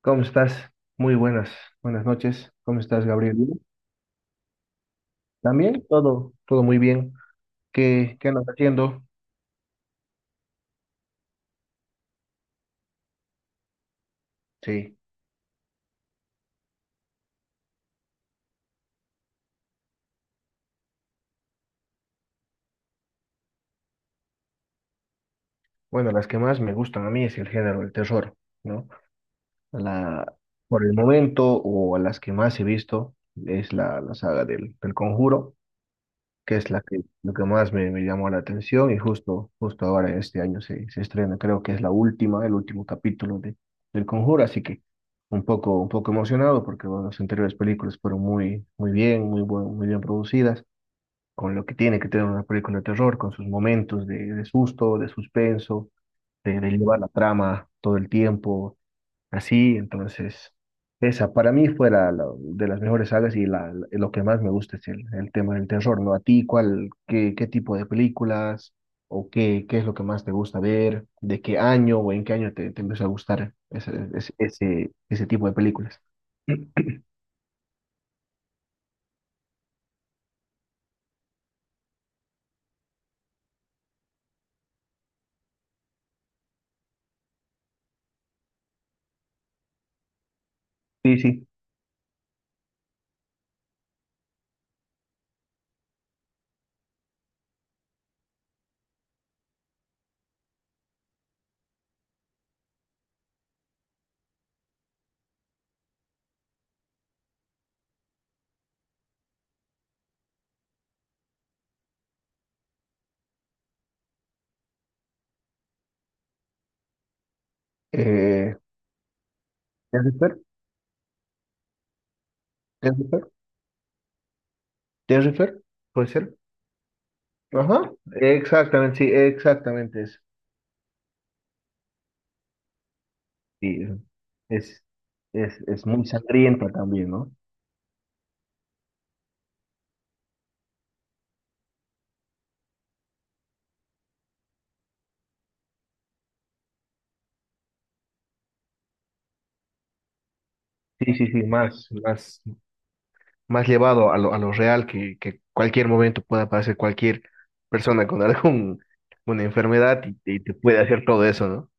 ¿Cómo estás? Muy buenas, buenas noches. ¿Cómo estás, Gabriel? Bien. ¿También? Todo muy bien. ¿Qué andas haciendo? Sí. Bueno, las que más me gustan a mí es el género del terror, ¿no? La, por el momento, o a las que más he visto, es la saga del Conjuro, que es lo que más me llamó la atención. Y justo ahora este año se estrena, creo que es el último capítulo del Conjuro, así que un poco emocionado porque bueno, las anteriores películas fueron muy muy bien, muy bien producidas, con lo que tiene que tener una película de terror, con sus momentos de susto, de suspenso, de llevar la trama todo el tiempo. Así, entonces, esa para mí fue de las mejores sagas, y lo que más me gusta es el tema del terror, ¿no? ¿A ti qué tipo de películas, o qué es lo que más te gusta ver? ¿De qué año o en qué año te empezó a gustar ese tipo de películas? Sí, sí. Eh, ¿Terrifier? ¿Terrifier? ¿Terrifier? ¿Puede ser? Ajá, exactamente, sí, exactamente es. Sí, es, es muy sangriento también, ¿no? Sí, sí, sí, más, más. Más llevado a lo real, que, cualquier momento pueda aparecer cualquier persona con una enfermedad, y te puede hacer todo eso, ¿no?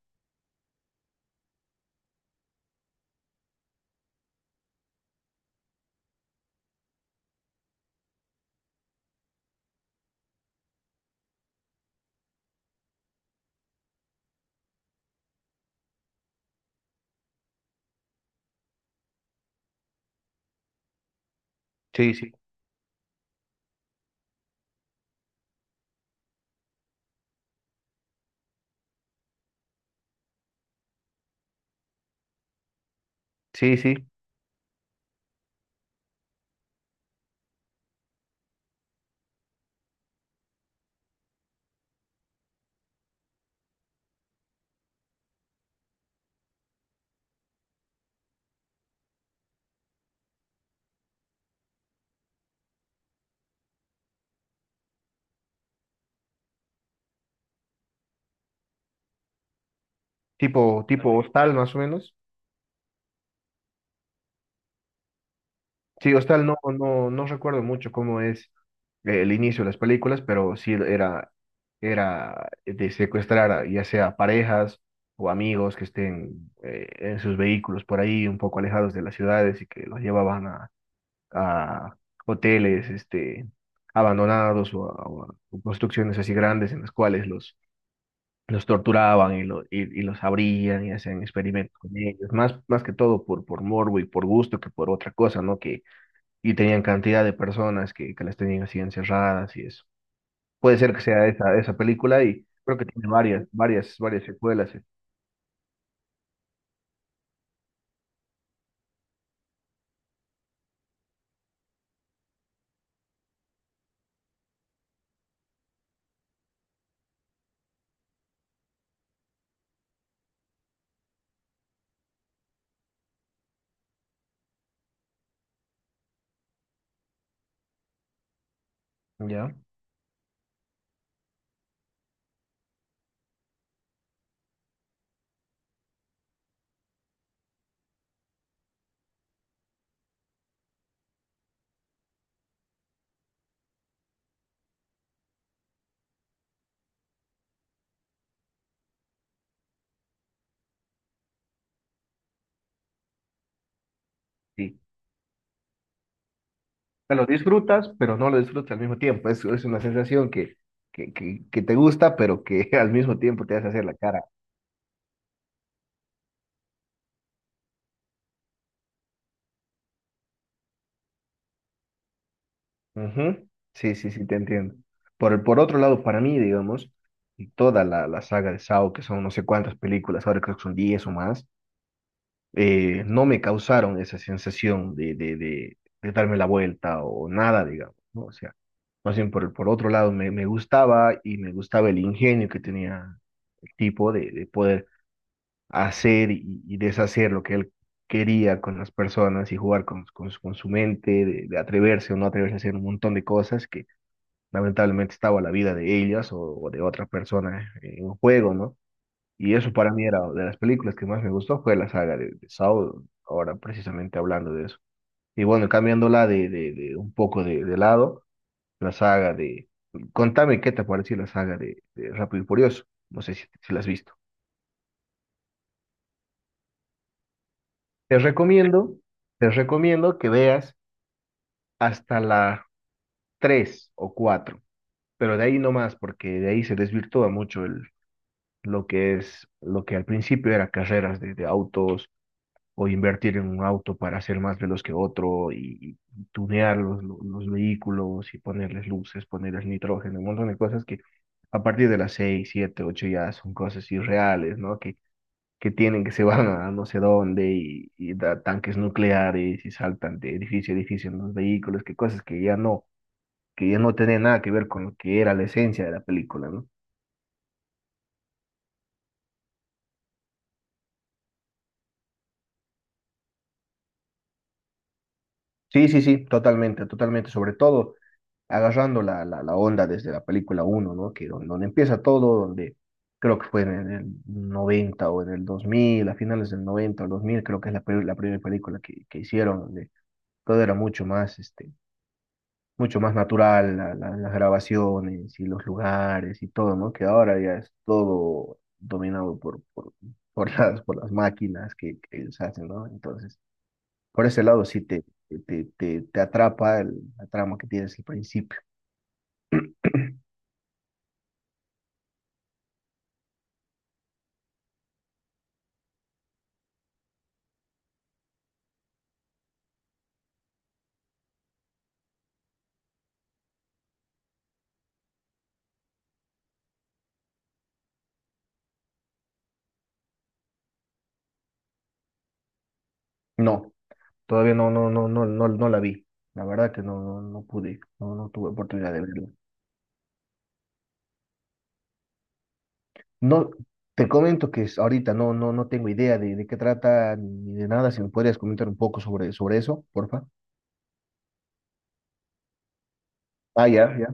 Sí, sí, sí, sí. Tipo Hostal, más o menos. Sí, Hostal no recuerdo mucho cómo es el inicio de las películas, pero sí era de secuestrar a, ya sea parejas o amigos que estén en sus vehículos por ahí, un poco alejados de las ciudades, y que los llevaban a a hoteles abandonados, o construcciones así grandes, en las cuales los torturaban y, y los abrían y hacían experimentos con ellos, más que todo por, morbo y por gusto que por otra cosa, ¿no? Que, y tenían cantidad de personas que las tenían así encerradas y eso. Puede ser que sea esa, esa película, y creo que tiene varias, varias, varias secuelas, ¿eh? ¿Ya? Sí, sea, lo disfrutas, pero no lo disfrutas al mismo tiempo. Es una sensación que te gusta, pero que al mismo tiempo te hace hacer la cara. Ujú. Sí, sí, sí, te entiendo. Por otro lado, para mí, digamos, y toda la saga de Saw, que son no sé cuántas películas, ahora creo que son 10 o más, no me causaron esa sensación de darme la vuelta o nada, digamos, ¿no? O sea, más bien por otro lado, me gustaba, y me gustaba el ingenio que tenía el tipo de poder hacer y deshacer lo que él quería con las personas, y jugar con su mente, de atreverse o no atreverse a hacer un montón de cosas que lamentablemente estaba la vida de ellas o de otra persona en juego, ¿no? Y eso para mí era de las películas que más me gustó, fue la saga de Saw, ahora precisamente hablando de eso. Y bueno, cambiándola de un poco de lado, la saga de... Contame qué te pareció la saga de Rápido y Furioso. No sé si la has visto. Te recomiendo, te recomiendo que veas hasta la 3 o cuatro, pero de ahí no más, porque de ahí se desvirtúa mucho el, lo que es, lo que al principio era carreras de autos, o invertir en un auto para ser más veloz que otro, y tunear los vehículos y ponerles luces, ponerles nitrógeno, un montón de cosas que a partir de las 6 7 8 ya son cosas irreales, ¿no? Que tienen, que se van a no sé dónde, y da tanques nucleares y saltan de edificio a edificio en los vehículos, que cosas que ya no tienen nada que ver con lo que era la esencia de la película, ¿no? Sí, sí, sí, totalmente, totalmente, sobre todo agarrando la onda desde la película uno, ¿no? Que donde, empieza todo, donde creo que fue en el noventa, o en el dos mil, a finales del 90 o 2000 creo que es la primera película que hicieron, donde todo era mucho más natural, las grabaciones y los lugares y todo, ¿no? Que ahora ya es todo dominado por las máquinas que ellos hacen, ¿no? Entonces, por ese lado sí te atrapa el, la trama que tienes al principio. No, todavía no, no la vi. La verdad que no, pude, no tuve oportunidad de verla. No, te comento que ahorita no, no tengo idea de qué trata ni de nada. Si me podrías comentar un poco sobre, sobre eso, porfa. Ah, ya, ya.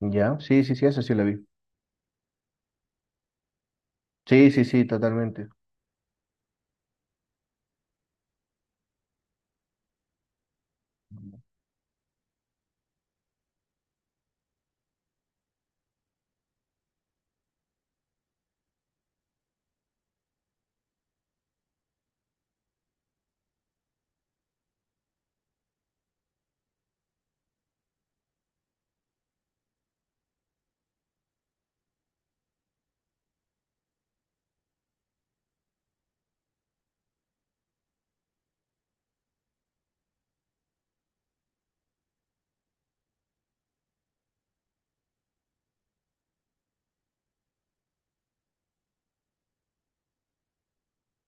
Ya, sí, sí, sí, esa sí la vi. Sí, sí, sí, totalmente.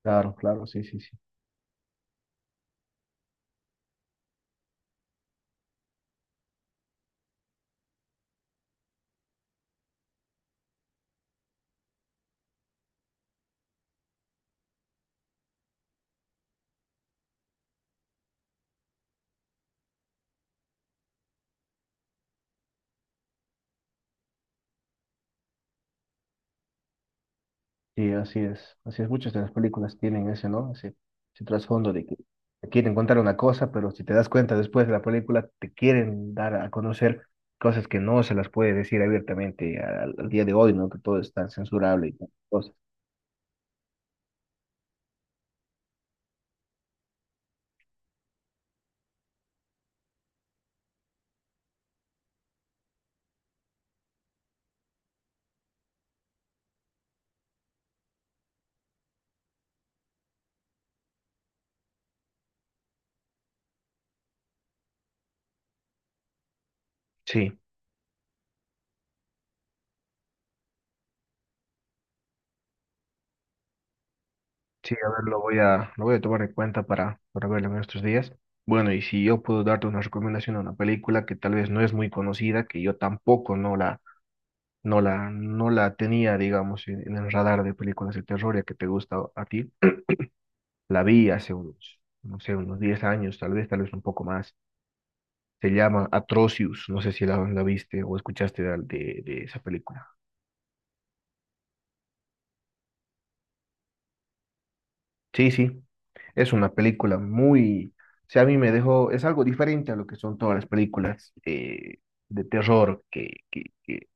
Claro, claro, sí, sí, sí. Sí, así es. Así es, muchas de las películas tienen ese, ¿no? Ese trasfondo de que te quieren contar una cosa, pero si te das cuenta después de la película, te quieren dar a conocer cosas que no se las puede decir abiertamente al día de hoy, ¿no? Que todo es tan censurable y tan cosas. Sí, sí, a ver, lo voy a, tomar en cuenta para verlo en estos días. Bueno, y si yo puedo darte una recomendación a una película que tal vez no es muy conocida, que yo tampoco no la, no la tenía, digamos, en el radar de películas de terror, ya que te gusta a ti. La vi hace unos, no sé, unos 10 años, tal vez un poco más. Se llama Atrocious, no sé si la viste o escuchaste de esa película. Sí, sí, es una película muy, o sea, a mí me dejó, es algo diferente a lo que son todas las películas de terror que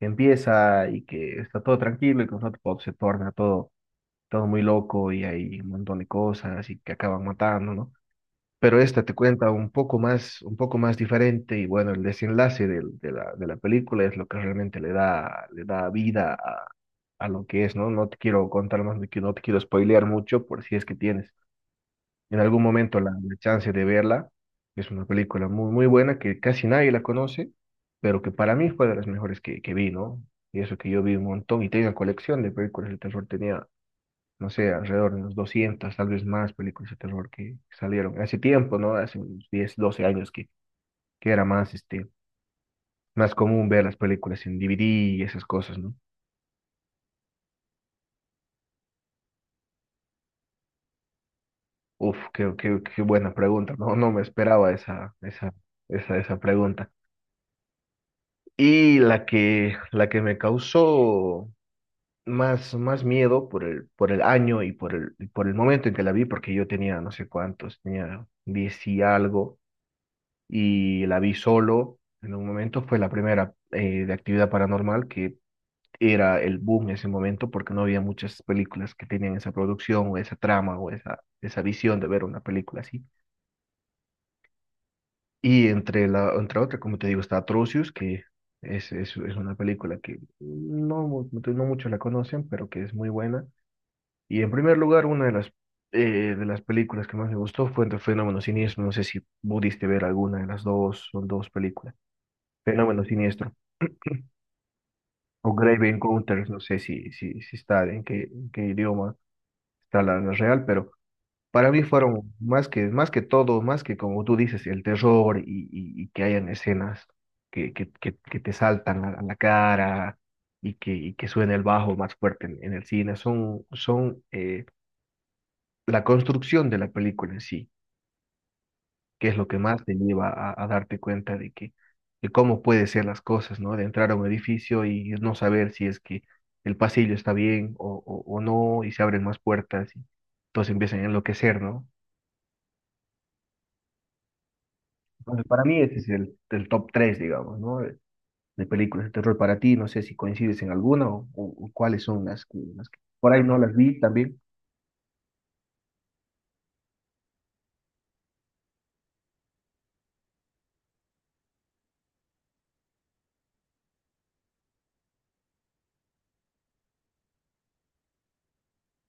empieza y que está todo tranquilo, y que de pronto se torna todo muy loco, y hay un montón de cosas y que acaban matando, ¿no? Pero esta te cuenta un poco más diferente, y bueno, el desenlace de la película es lo que realmente le da vida a lo que es, ¿no? No te quiero contar más, no te quiero spoilear mucho, por si es que tienes en algún momento la chance de verla. Es una película muy, muy buena que casi nadie la conoce, pero que para mí fue de las mejores que vi, ¿no? Y eso que yo vi un montón y tenía colección de películas de terror, tenía no sé, alrededor de unos 200, tal vez más películas de terror que salieron. Hace tiempo, ¿no? Hace unos 10, 12 años que era más, este, más común ver las películas en DVD y esas cosas, ¿no? Uf, qué buena pregunta, no, no me esperaba esa, esa pregunta. Y la que me causó más miedo por el año, y por el momento en que la vi, porque yo tenía no sé cuántos, tenía 10 y algo, y la vi solo en un momento. Fue la primera de actividad paranormal, que era el boom en ese momento, porque no había muchas películas que tenían esa producción o esa trama o esa visión de ver una película así. Y entre otra, como te digo, está Atrocious, que es una película que no muchos la conocen, pero que es muy buena. Y en primer lugar, una de de las películas que más me gustó fue entre Fenómeno Siniestro. No sé si pudiste ver alguna de las dos, son dos películas. Fenómeno Siniestro. O Grave Encounters, no sé si está en qué, idioma está la real, pero para mí fueron más que todo, más que como tú dices, el terror, y que hayan escenas que te saltan a la cara, y que suene el bajo más fuerte en el cine. Son la construcción de la película en sí, que es lo que más te lleva a darte cuenta de que, de cómo puede ser las cosas, ¿no? De entrar a un edificio y no saber si es que el pasillo está bien, o no, y se abren más puertas y todos empiezan a enloquecer, ¿no? Entonces, para mí ese es el top 3, digamos, ¿no? De películas de terror. Para ti, no sé si coincides en alguna, o cuáles son por ahí no las vi también.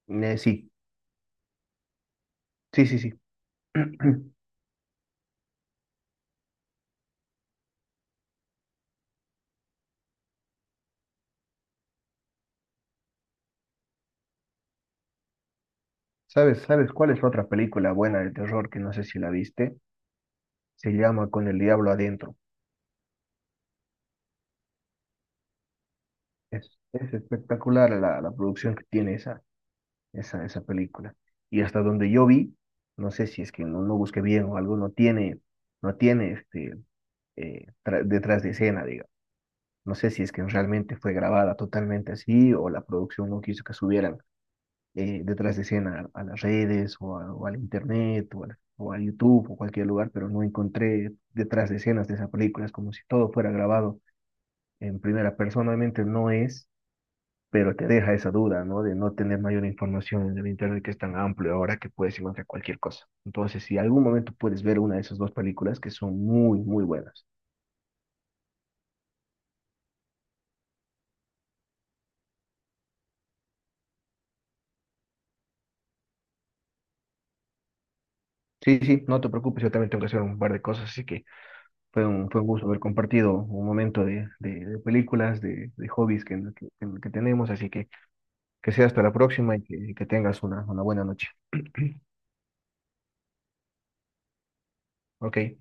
Sí, sí, sí, sí. ¿Sabes, sabes cuál es otra película buena de terror que no sé si la viste? Se llama Con el Diablo Adentro. Es espectacular la producción que tiene esa película. Y hasta donde yo vi, no sé si es que no busqué bien o algo, no tiene detrás de escena, digamos. No sé si es que realmente fue grabada totalmente así, o la producción no quiso que subieran detrás de escena a las redes, o al internet, o a YouTube o cualquier lugar, pero no encontré detrás de escenas de esa película. Es como si todo fuera grabado en primera. Personalmente no es, pero te deja esa duda, ¿no? De no tener mayor información en el internet, que es tan amplio ahora que puedes encontrar cualquier cosa. Entonces, si algún momento puedes ver una de esas dos películas que son muy, muy buenas. Sí, sí, no te preocupes, yo también tengo que hacer un par de cosas, así que fue un gusto haber compartido un momento de películas, de hobbies que tenemos, así que sea hasta la próxima y que tengas una buena noche. Ok.